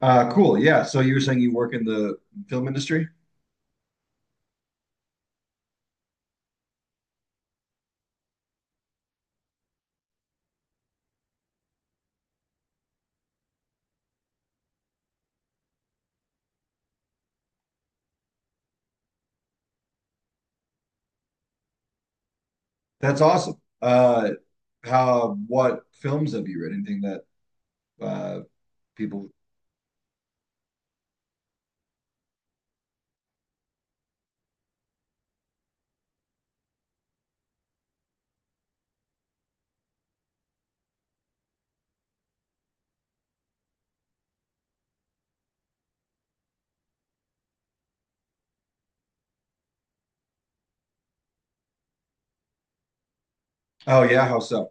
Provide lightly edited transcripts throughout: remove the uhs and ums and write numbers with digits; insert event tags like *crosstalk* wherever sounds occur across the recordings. Cool. Yeah. So you were saying you work in the film industry? That's awesome. Uh, what films have you read? Anything that uh people? Oh yeah. How so?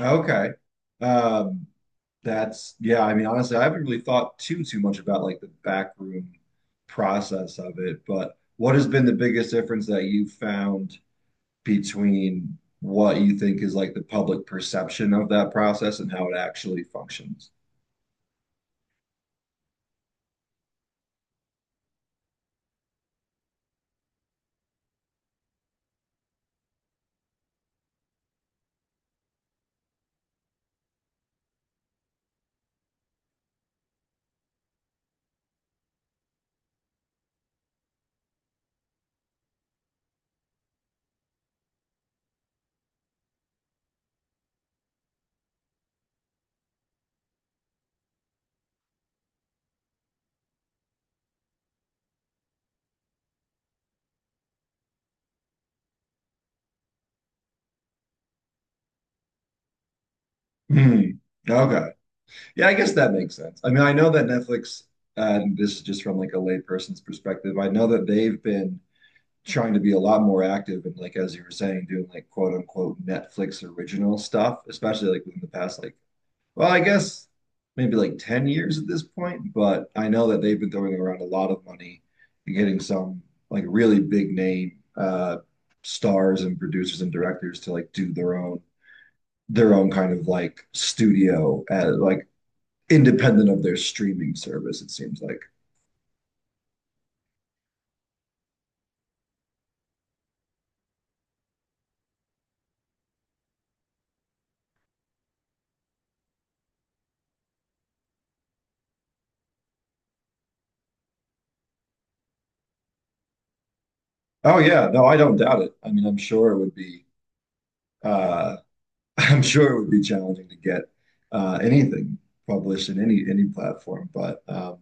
Okay. Um, that's yeah. I mean, honestly, I haven't really thought too much about like the backroom process of it. But what has been the biggest difference that you found between what you think is like the public perception of that process and how it actually functions? Hmm. Okay. Yeah, I guess that makes sense. I mean, I know that Netflix, and this is just from like a layperson's perspective, I know that they've been trying to be a lot more active and like as you were saying, doing like quote unquote Netflix original stuff, especially like within the past like well, I guess maybe like 10 years at this point, but I know that they've been throwing around a lot of money and getting some like really big name stars and producers and directors to like do their own kind of like studio at like independent of their streaming service, it seems like. Oh yeah, no, I don't doubt it. I mean, I'm sure it would be uh *laughs* I'm sure it would be challenging to get anything published in any platform. But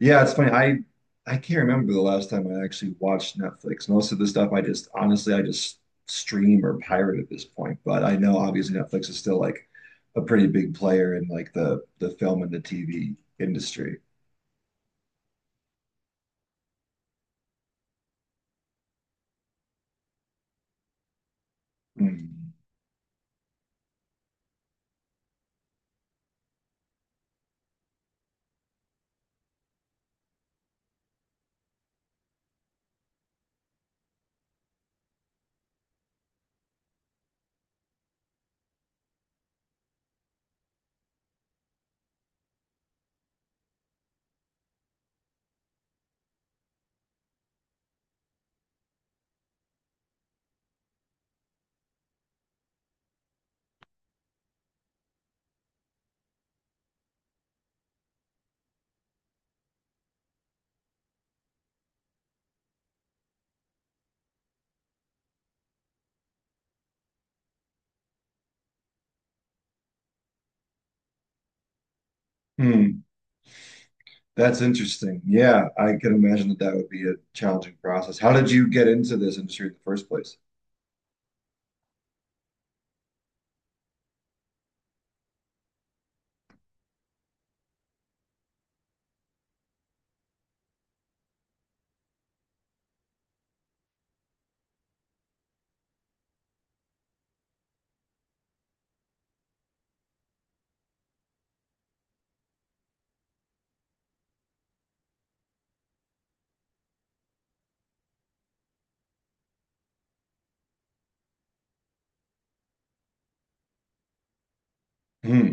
yeah, it's funny. I can't remember the last time I actually watched Netflix. Most of the stuff I just honestly I just stream or pirate at this point. But I know obviously Netflix is still like a pretty big player in like the film and the TV industry. Mm. Mm. That's interesting. Yeah, I can imagine that that would be a challenging process. How did you get into this industry in the first place? Hmm.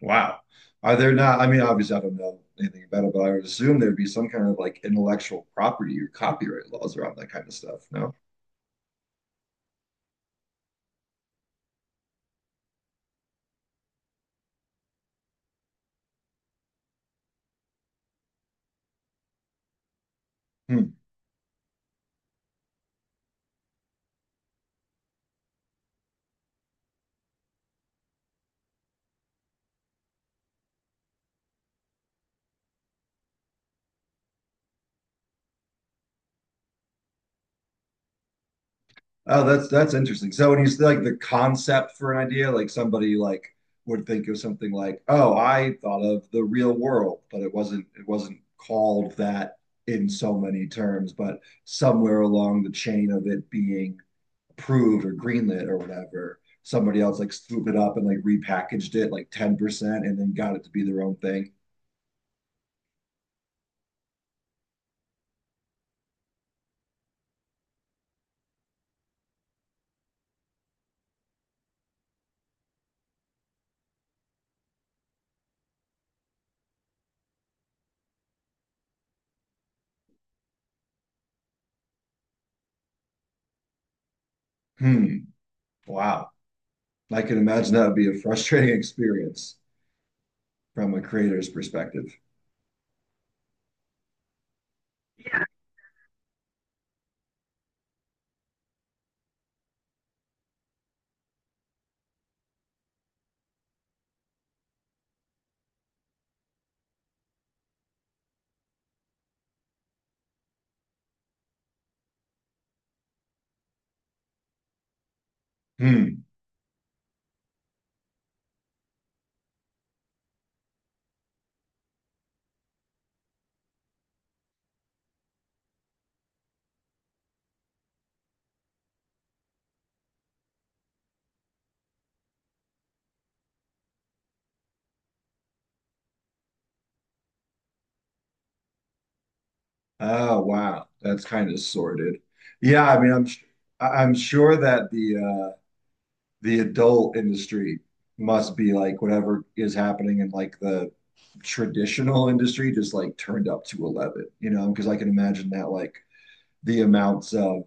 Wow. Are there not, I mean, obviously, I don't know anything about it, but I would assume there'd be some kind of like intellectual property or copyright laws around that kind of stuff. No? Hmm. Oh, that's interesting. So when you say like the concept for an idea, like somebody like would think of something like, "Oh, I thought of the real world, but it wasn't called that in so many terms, but somewhere along the chain of it being approved or greenlit or whatever, somebody else like swooped it up and like repackaged it like 10% and then got it to be their own thing." Hmm. Wow. I can imagine that would be a frustrating *laughs* experience from a creator's perspective. Hmm. Oh wow, that's kind of sorted. Yeah, I mean, I- I'm sure that uh the adult industry must be like whatever is happening in like the traditional industry just like turned up to 11, you know, because I can imagine that like the amounts of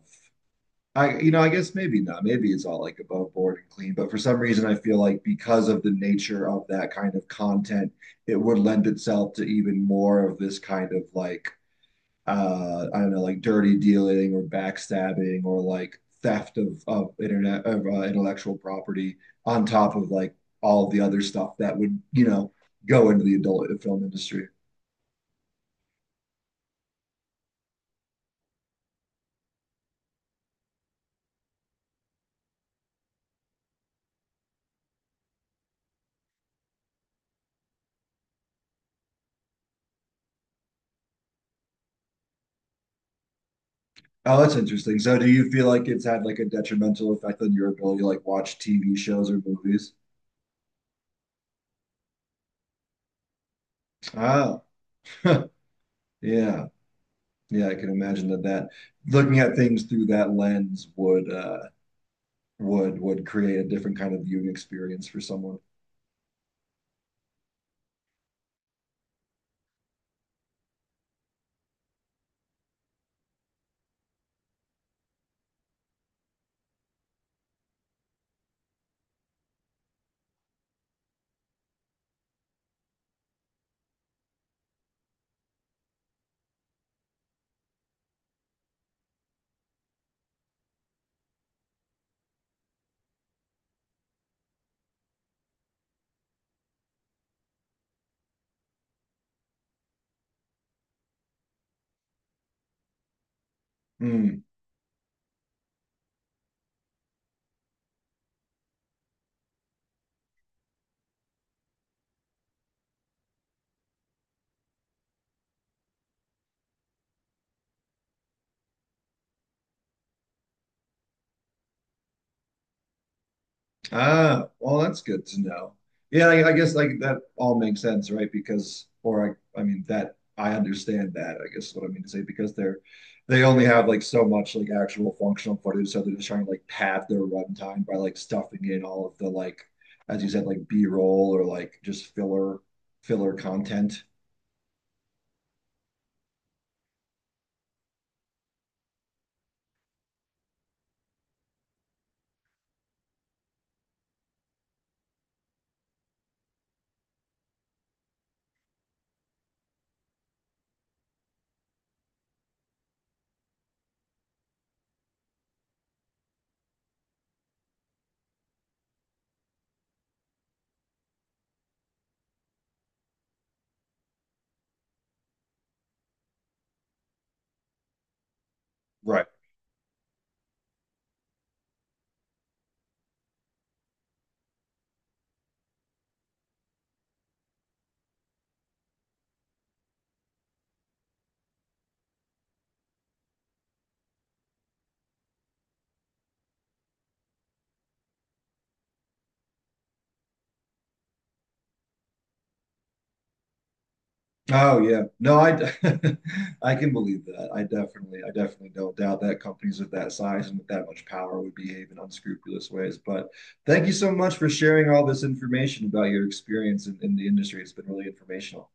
I you know, I guess maybe not. Maybe it's all like above board and clean, but for some reason I feel like because of the nature of that kind of content, it would lend itself to even more of this kind of like I don't know, like dirty dealing or backstabbing or like theft of internet of intellectual property on top of like all the other stuff that would, you know, go into the adult film industry. Oh, that's interesting. So do you feel like it's had like a detrimental effect on your ability to like watch TV shows or movies? Oh, *laughs* yeah. Yeah, I can imagine that that looking at things through that lens would would create a different kind of viewing experience for someone. Hmm. Ah, well, that's good to know. Yeah, I guess like that all makes sense, right? Because, or I mean that I understand that. I guess is what I mean to say because they're they only have like so much like actual functional footage, so they're just trying to like pad their runtime by like stuffing in all of the like, as you said, like B-roll or like just filler content. Right. Oh yeah. No, *laughs* I can believe that. I definitely don't doubt that companies of that size and with that much power would behave in unscrupulous ways. But thank you so much for sharing all this information about your experience in the industry. It's been really informational.